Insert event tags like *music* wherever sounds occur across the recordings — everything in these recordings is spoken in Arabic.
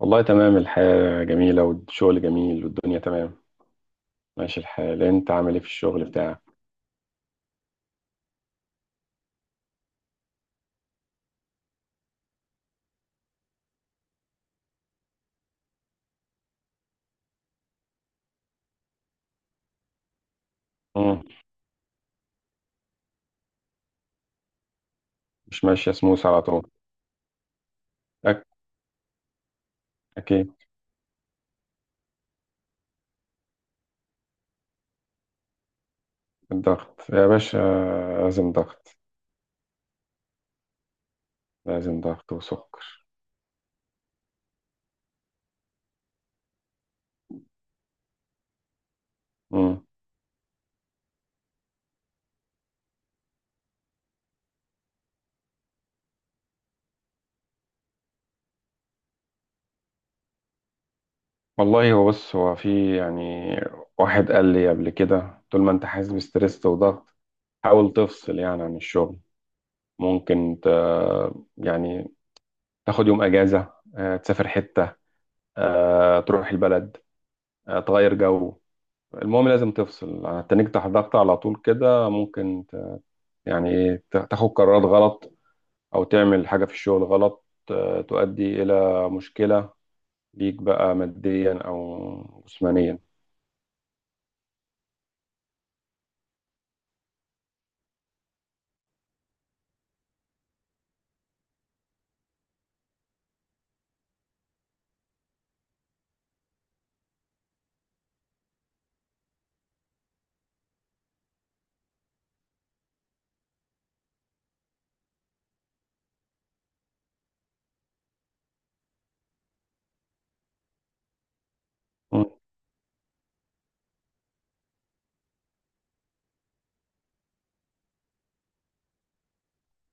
والله تمام. الحياة جميلة، والشغل جميل، والدنيا تمام. ماشي الحال، انت عامل ايه في الشغل بتاعك؟ مم. مش ماشية سموس على طول. أك... اكيد. الضغط يا باشا، لازم ضغط. لازم ضغط وسكر. مم. والله، هو بص، هو في يعني واحد قال لي قبل كده: طول ما انت حاسس بستريس وضغط، حاول تفصل يعني عن الشغل. ممكن يعني تاخد يوم اجازة، تسافر حتة، تروح البلد، تغير جو. المهم لازم تفصل. هتنيجي تحت ضغط على طول كده، ممكن يعني ايه، تاخد قرارات غلط او تعمل حاجة في الشغل غلط، تؤدي الى مشكلة ليك بقى ماديا او جسمانيا. مم.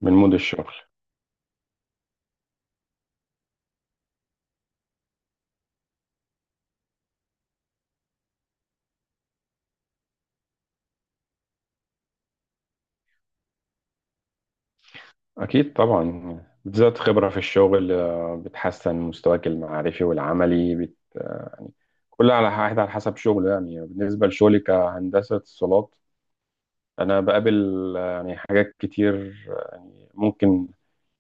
من مود الشغل. اكيد طبعا، بتزيد خبرة في الشغل، بتحسن مستواك المعرفي والعملي يعني، كل على واحد على حسب شغله. يعني بالنسبة لشغلي كهندسة اتصالات، انا بقابل يعني حاجات كتير، يعني ممكن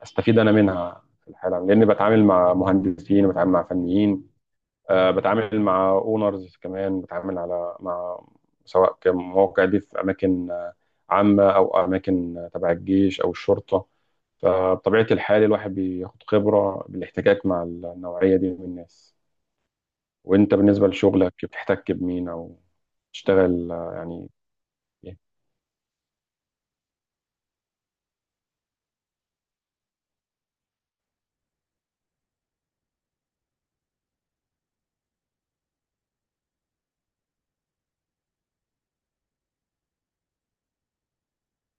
استفيد انا منها في الحاله، لاني بتعامل مع مهندسين وبتعامل مع فنيين، بتعامل مع اونرز كمان، بتعامل على مع، سواء كمواقع دي في اماكن عامه او اماكن تبع الجيش او الشرطه. فبطبيعه الحال، الواحد بياخد خبره بالاحتكاك مع النوعيه دي من الناس. وانت بالنسبه لشغلك، بتحتك بمين او تشتغل يعني إيه؟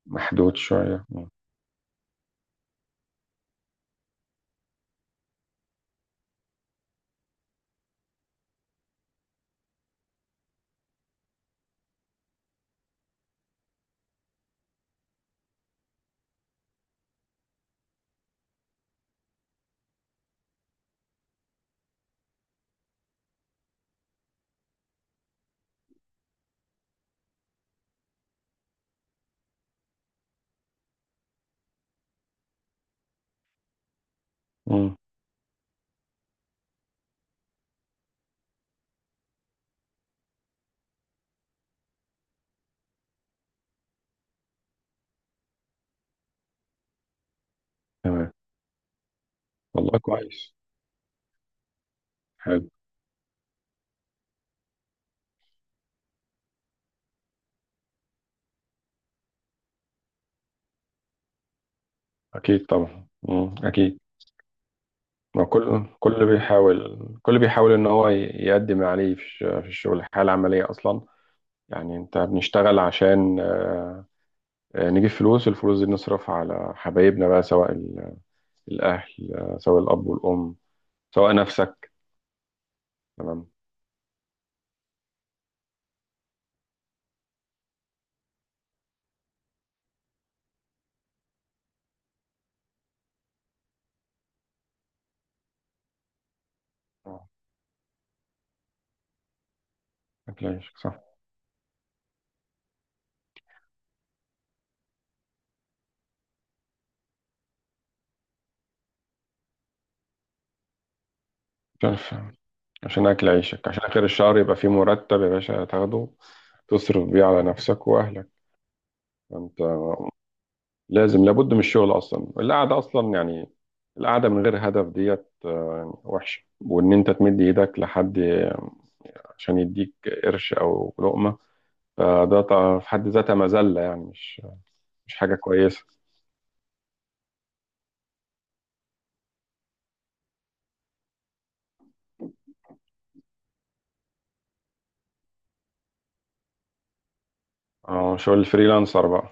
محدود شويه. مم. تمام. والله كويس. حلو. اكيد طبعا. مم. اكيد. ما كل بيحاول ان هو يقدم ما عليه في الشغل. الحياه العمليه اصلا، يعني انت بنشتغل عشان نجيب فلوس. الفلوس دي نصرفها على حبايبنا بقى، سواء الاهل، سواء الاب والام، سواء نفسك. تمام. آه، اكل عيشك، صح. عشان عشان اكل عيشك، عشان اخر الشهر يبقى في مرتب يا باشا تاخده، تصرف بيه على نفسك واهلك. انت لازم، لابد من الشغل اصلا. القعده اصلا يعني، القعده من غير هدف ديت وحشه، وان انت تمد ايدك لحد عشان يديك قرش او لقمه، فده طبعاً في حد ذاتها مذله، يعني مش حاجه كويسه. اه، شغل الفريلانسر بقى.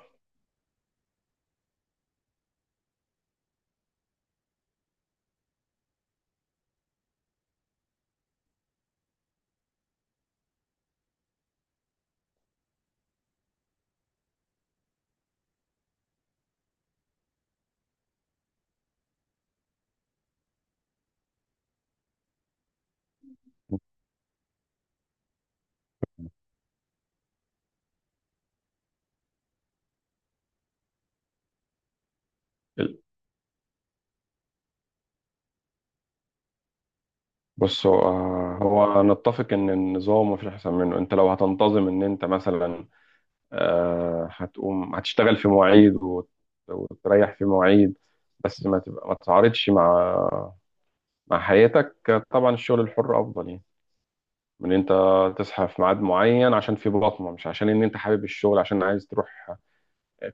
ال- بص، هو نتفق ان النظام مفيش احسن منه. انت لو هتنتظم، ان انت مثلا هتقوم هتشتغل في مواعيد وتريح في مواعيد، بس ما تبقى ما تتعارضش مع حياتك. طبعا الشغل الحر افضل، يعني من انت تصحى في ميعاد معين عشان في بصمه، مش عشان ان انت حابب الشغل، عشان عايز تروح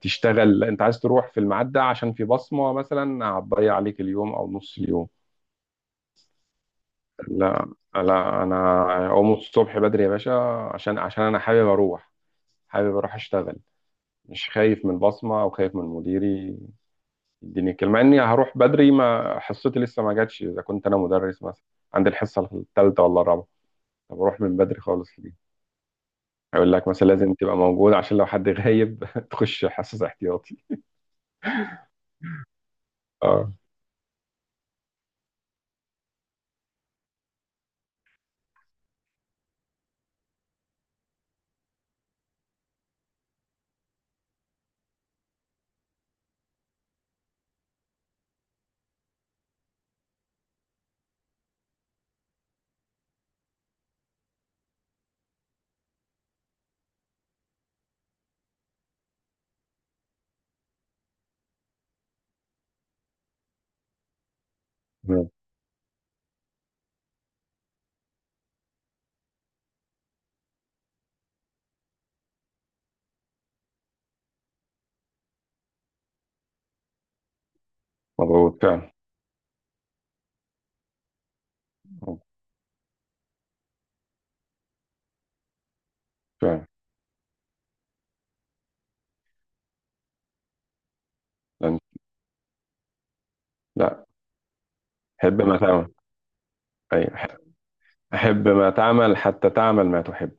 تشتغل. لا، انت عايز تروح في الميعاد ده عشان في بصمه مثلا هتضيع عليك اليوم او نص اليوم. لا، لا، انا اقوم الصبح بدري يا باشا، عشان انا حابب اروح اشتغل. مش خايف من البصمه او خايف من مديري يديني كلمه اني هروح بدري ما حصتي لسه ما جاتش، اذا كنت انا مدرس مثلا عندي الحصه الثالثه ولا الرابعه، طب اروح من بدري خالص ليه؟ يقول لك مثلا لازم تبقى موجود عشان لو حد غايب *laughs* تخش حصص احتياطي. اه. مم. مظبوط فعلا. مظبوط فعلا. لأن- لا، حب ما تعمل. ايوه، حب ما تعمل حتى تعمل ما تحب.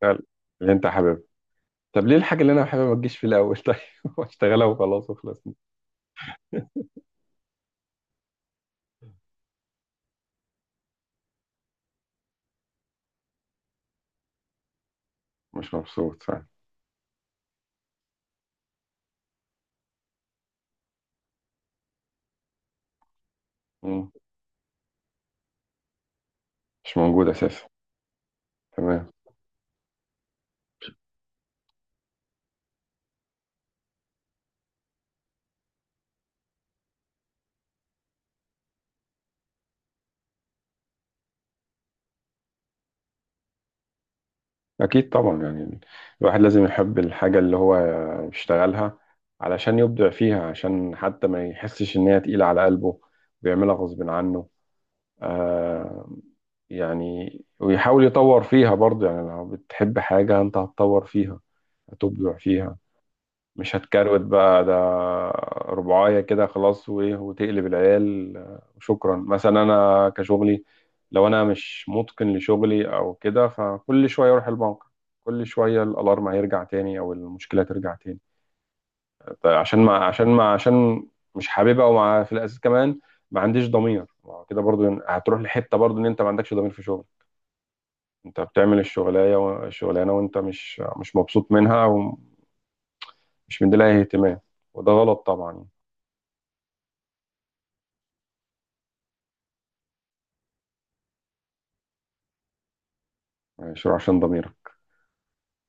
فعلا. اللي انت حاببه. طب ليه الحاجة اللي انا حاببها ما تجيش في الاول طيب؟ *laughs* واشتغلها وخلاص وخلصنا. مش مبسوط فعلا. مم. مش موجود اساسا. تمام. أكيد طبعا، يعني الواحد لازم يحب الحاجة اللي هو بيشتغلها علشان يبدع فيها، عشان حتى ما يحسش إن هي تقيلة على قلبه ويعملها غصب عنه. آه يعني، ويحاول يطور فيها برضه. يعني لو بتحب حاجة، أنت هتطور فيها، هتبدع فيها، مش هتكروت بقى ده ربعاية كده خلاص وايه وتقلب العيال، وشكرا. مثلا انا كشغلي، لو انا مش متقن لشغلي او كده، فكل شوية اروح البنك، كل شوية الالارم هيرجع تاني او المشكلة ترجع تاني. طيب عشان مش حاببها، ومع في الاساس كمان ما عنديش ضمير. ما هو كده برضو، هتروح لحتة برضو ان انت ما عندكش ضمير في شغل. انت بتعمل الشغلانة وانت مش مبسوط منها ومش مديلها اهتمام، وده غلط طبعا. شو؟ عشان ضميرك.